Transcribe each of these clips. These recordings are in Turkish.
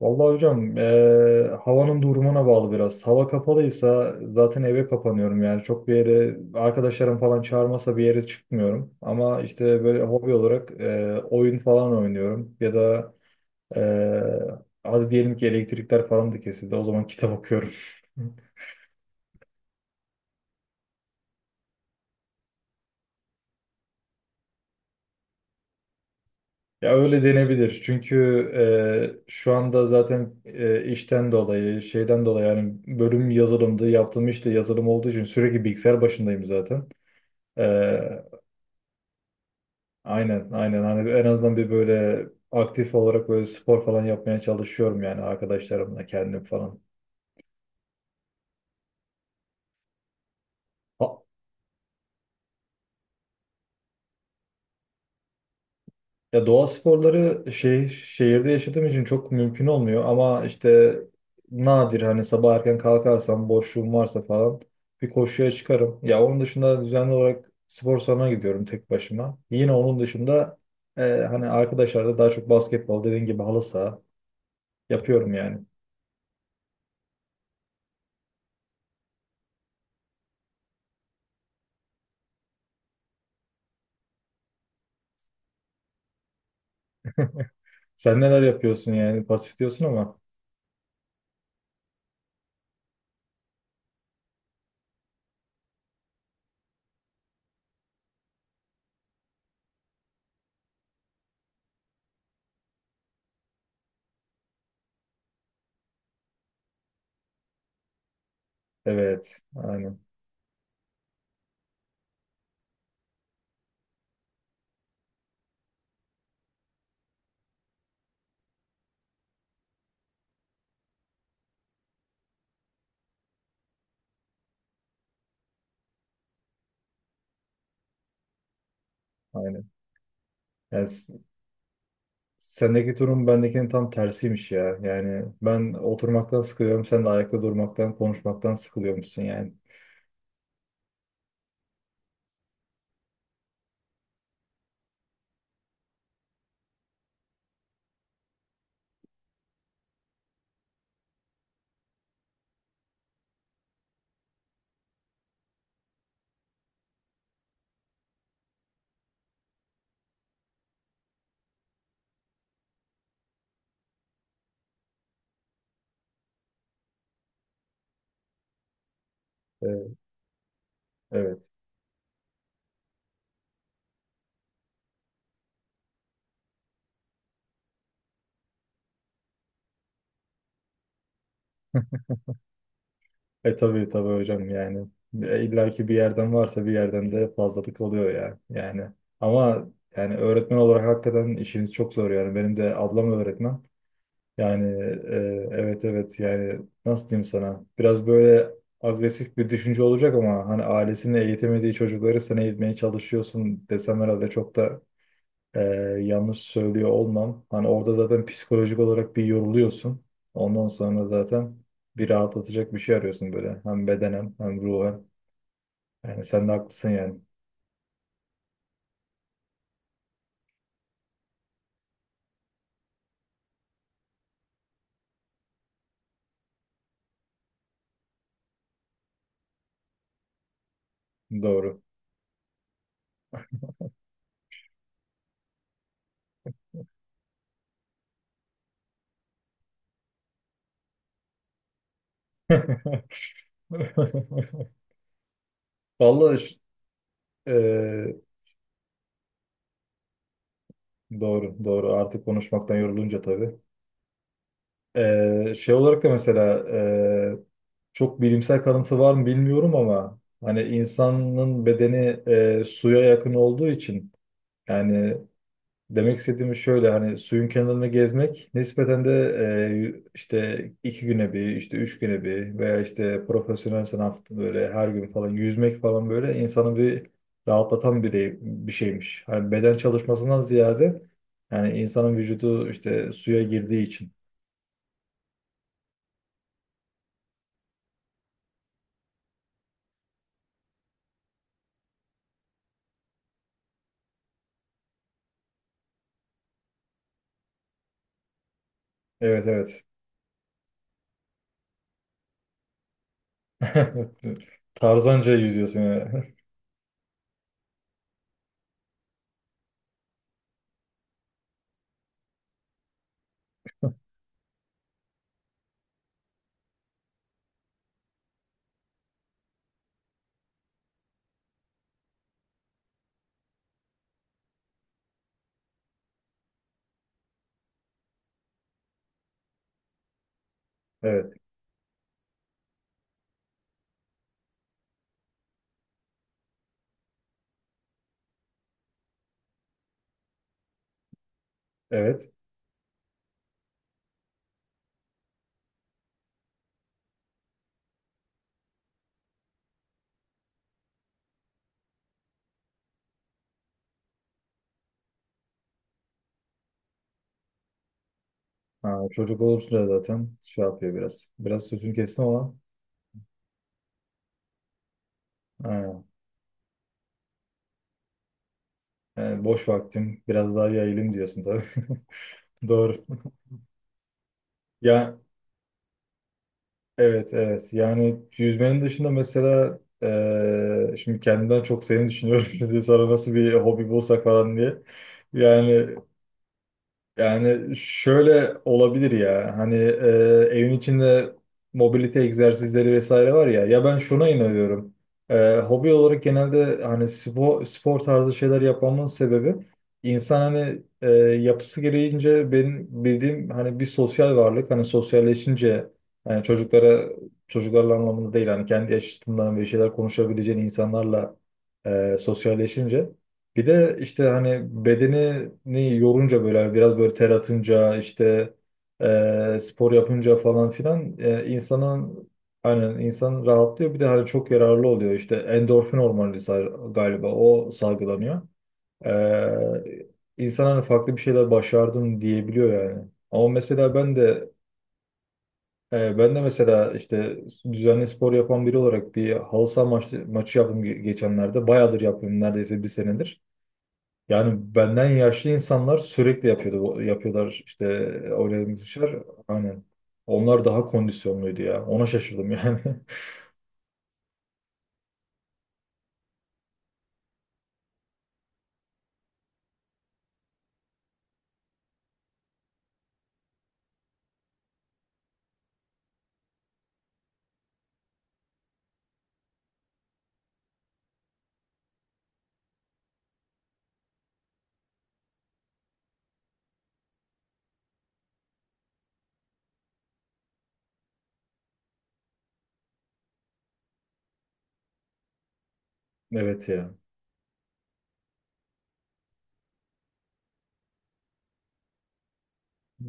Vallahi hocam havanın durumuna bağlı biraz. Hava kapalıysa zaten eve kapanıyorum yani. Çok bir yere arkadaşlarım falan çağırmasa bir yere çıkmıyorum. Ama işte böyle hobi olarak oyun falan oynuyorum. Ya da eee hadi diyelim ki elektrikler falan da kesildi. O zaman kitap okuyorum. Ya öyle denebilir. Çünkü şu anda zaten işten dolayı, şeyden dolayı yani bölüm yazılımdı. Yaptığım iş de yazılım olduğu için sürekli bilgisayar başındayım zaten. E, Aynen, aynen. Hani en azından bir böyle aktif olarak böyle spor falan yapmaya çalışıyorum yani arkadaşlarımla kendim falan. Ha- Ya doğa sporları şey şehirde yaşadığım için çok mümkün olmuyor ama işte nadir hani sabah erken kalkarsam boşluğum varsa falan bir koşuya çıkarım. Ya onun dışında düzenli olarak spor salonuna gidiyorum tek başıma. Yine onun dışında e, hani arkadaşlarla daha çok basketbol dediğin gibi halı saha yapıyorum yani. Sen neler yapıyorsun yani pasif diyorsun ama. Evet, aynen, aynen. Yani s- Sendeki durum bendekinin tam tersiymiş ya. Yani ben oturmaktan sıkılıyorum, sen de ayakta durmaktan, konuşmaktan sıkılıyormuşsun yani. Ee, evet. E tabii tabii hocam yani. E, İlla ki bir yerden varsa bir yerden de fazlalık oluyor ya. Ama yani öğretmen olarak hakikaten işiniz çok zor yani. Benim de ablam öğretmen. Yani evet evet yani nasıl diyeyim sana biraz böyle agresif bir düşünce olacak ama hani ailesini eğitemediği çocukları sen eğitmeye çalışıyorsun desem herhalde çok da e, yanlış söylüyor olmam. Hani orada zaten psikolojik olarak bir yoruluyorsun. Ondan sonra zaten bir rahatlatacak bir şey arıyorsun böyle hem bedenen hem ruhen. Yani sen de haklısın yani doğru. Vallahi ş- e, doğru doğru artık konuşmaktan yorulunca tabii. Şey olarak da mesela çok bilimsel kanıtı var mı bilmiyorum ama hani insanın bedeni suya yakın olduğu için yani demek istediğim şöyle hani suyun kenarında gezmek nispeten de işte iki güne bir işte üç güne bir veya işte profesyonel sanat böyle her gün falan yüzmek falan böyle insanı bir rahatlatan bir şeymiş. Hani beden çalışmasından ziyade yani insanın vücudu işte suya girdiği için. Evet evet. Tarzanca yüzüyorsun yani. Evet. Evet. Ha, çocuk olunca zaten şey yapıyor biraz. Biraz sözünü kestim ama ha, yani boş vaktim biraz daha yayılayım diyorsun tabii. Doğru. Ya evet evet. Yani yüzmenin dışında mesela şimdi kendimden çok seni düşünüyorum. Şimdi sana nasıl bir hobi bulsak falan diye. Yani Yani şöyle olabilir ya hani evin içinde mobilite egzersizleri vesaire var ya ya ben şuna inanıyorum. E, hobi olarak genelde hani spor tarzı şeyler yapmamın sebebi insan hani yapısı gereğince benim bildiğim hani bir sosyal varlık hani sosyalleşince hani çocuklarla anlamında değil hani kendi yaşıtından bir şeyler konuşabileceğin insanlarla sosyalleşince bir de işte hani bedenini yorunca böyle biraz böyle ter atınca işte spor yapınca falan filan e, insanın aynen insan rahatlıyor. Bir de hani çok yararlı oluyor işte endorfin hormonu galiba o salgılanıyor. E, insan hani farklı bir şeyler başardım diyebiliyor yani. Ama mesela ben de e, Ben de mesela işte düzenli spor yapan biri olarak bir halı saha maçı yaptım geçenlerde. Bayağıdır yapıyorum neredeyse bir senedir. Yani benden yaşlı insanlar sürekli yapıyordu, yapıyorlar işte Aurelien dışarı. Aynen. Onlar daha kondisyonluydu ya. Ona şaşırdım yani. Evet ya.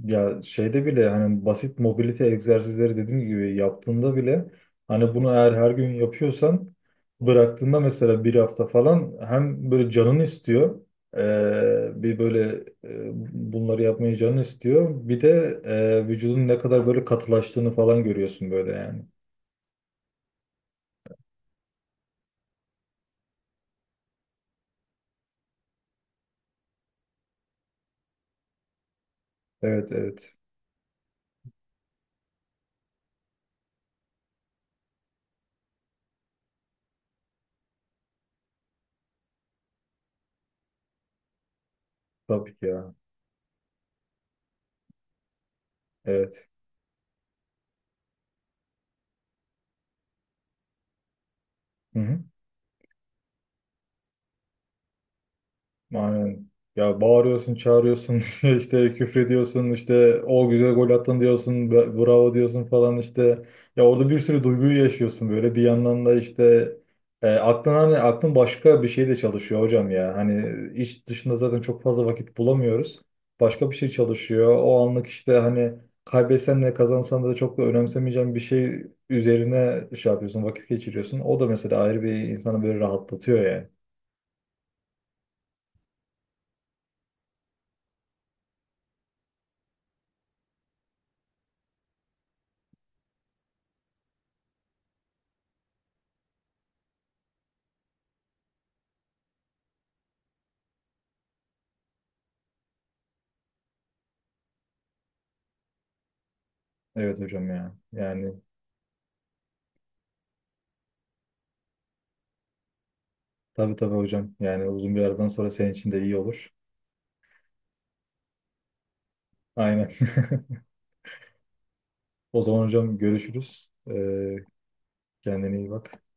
Ya şeyde bile hani basit mobilite egzersizleri dediğim gibi yaptığında bile hani bunu eğer her gün yapıyorsan bıraktığında mesela bir hafta falan hem böyle canın istiyor bir böyle bunları yapmayı canın istiyor bir de vücudun ne kadar böyle katılaştığını falan görüyorsun böyle yani. Evet evet. Tabii ki ya. Evet. Hı hı. Aynen. Ya bağırıyorsun, çağırıyorsun, işte küfrediyorsun, işte o güzel gol attın diyorsun, bravo diyorsun falan işte. Ya orada bir sürü duyguyu yaşıyorsun böyle. Bir yandan da işte aklın başka bir şey de çalışıyor hocam ya. Hani iş dışında zaten çok fazla vakit bulamıyoruz. Başka bir şey çalışıyor. O anlık işte hani kaybetsen de kazansan da çok da önemsemeyeceğin bir şey üzerine şey yapıyorsun, vakit geçiriyorsun. O da mesela ayrı bir insanı böyle rahatlatıyor yani. Evet hocam ya. Tabii tabii hocam. Yani uzun bir aradan sonra senin için de iyi olur. Aynen. O zaman hocam görüşürüz. Kendine iyi bak.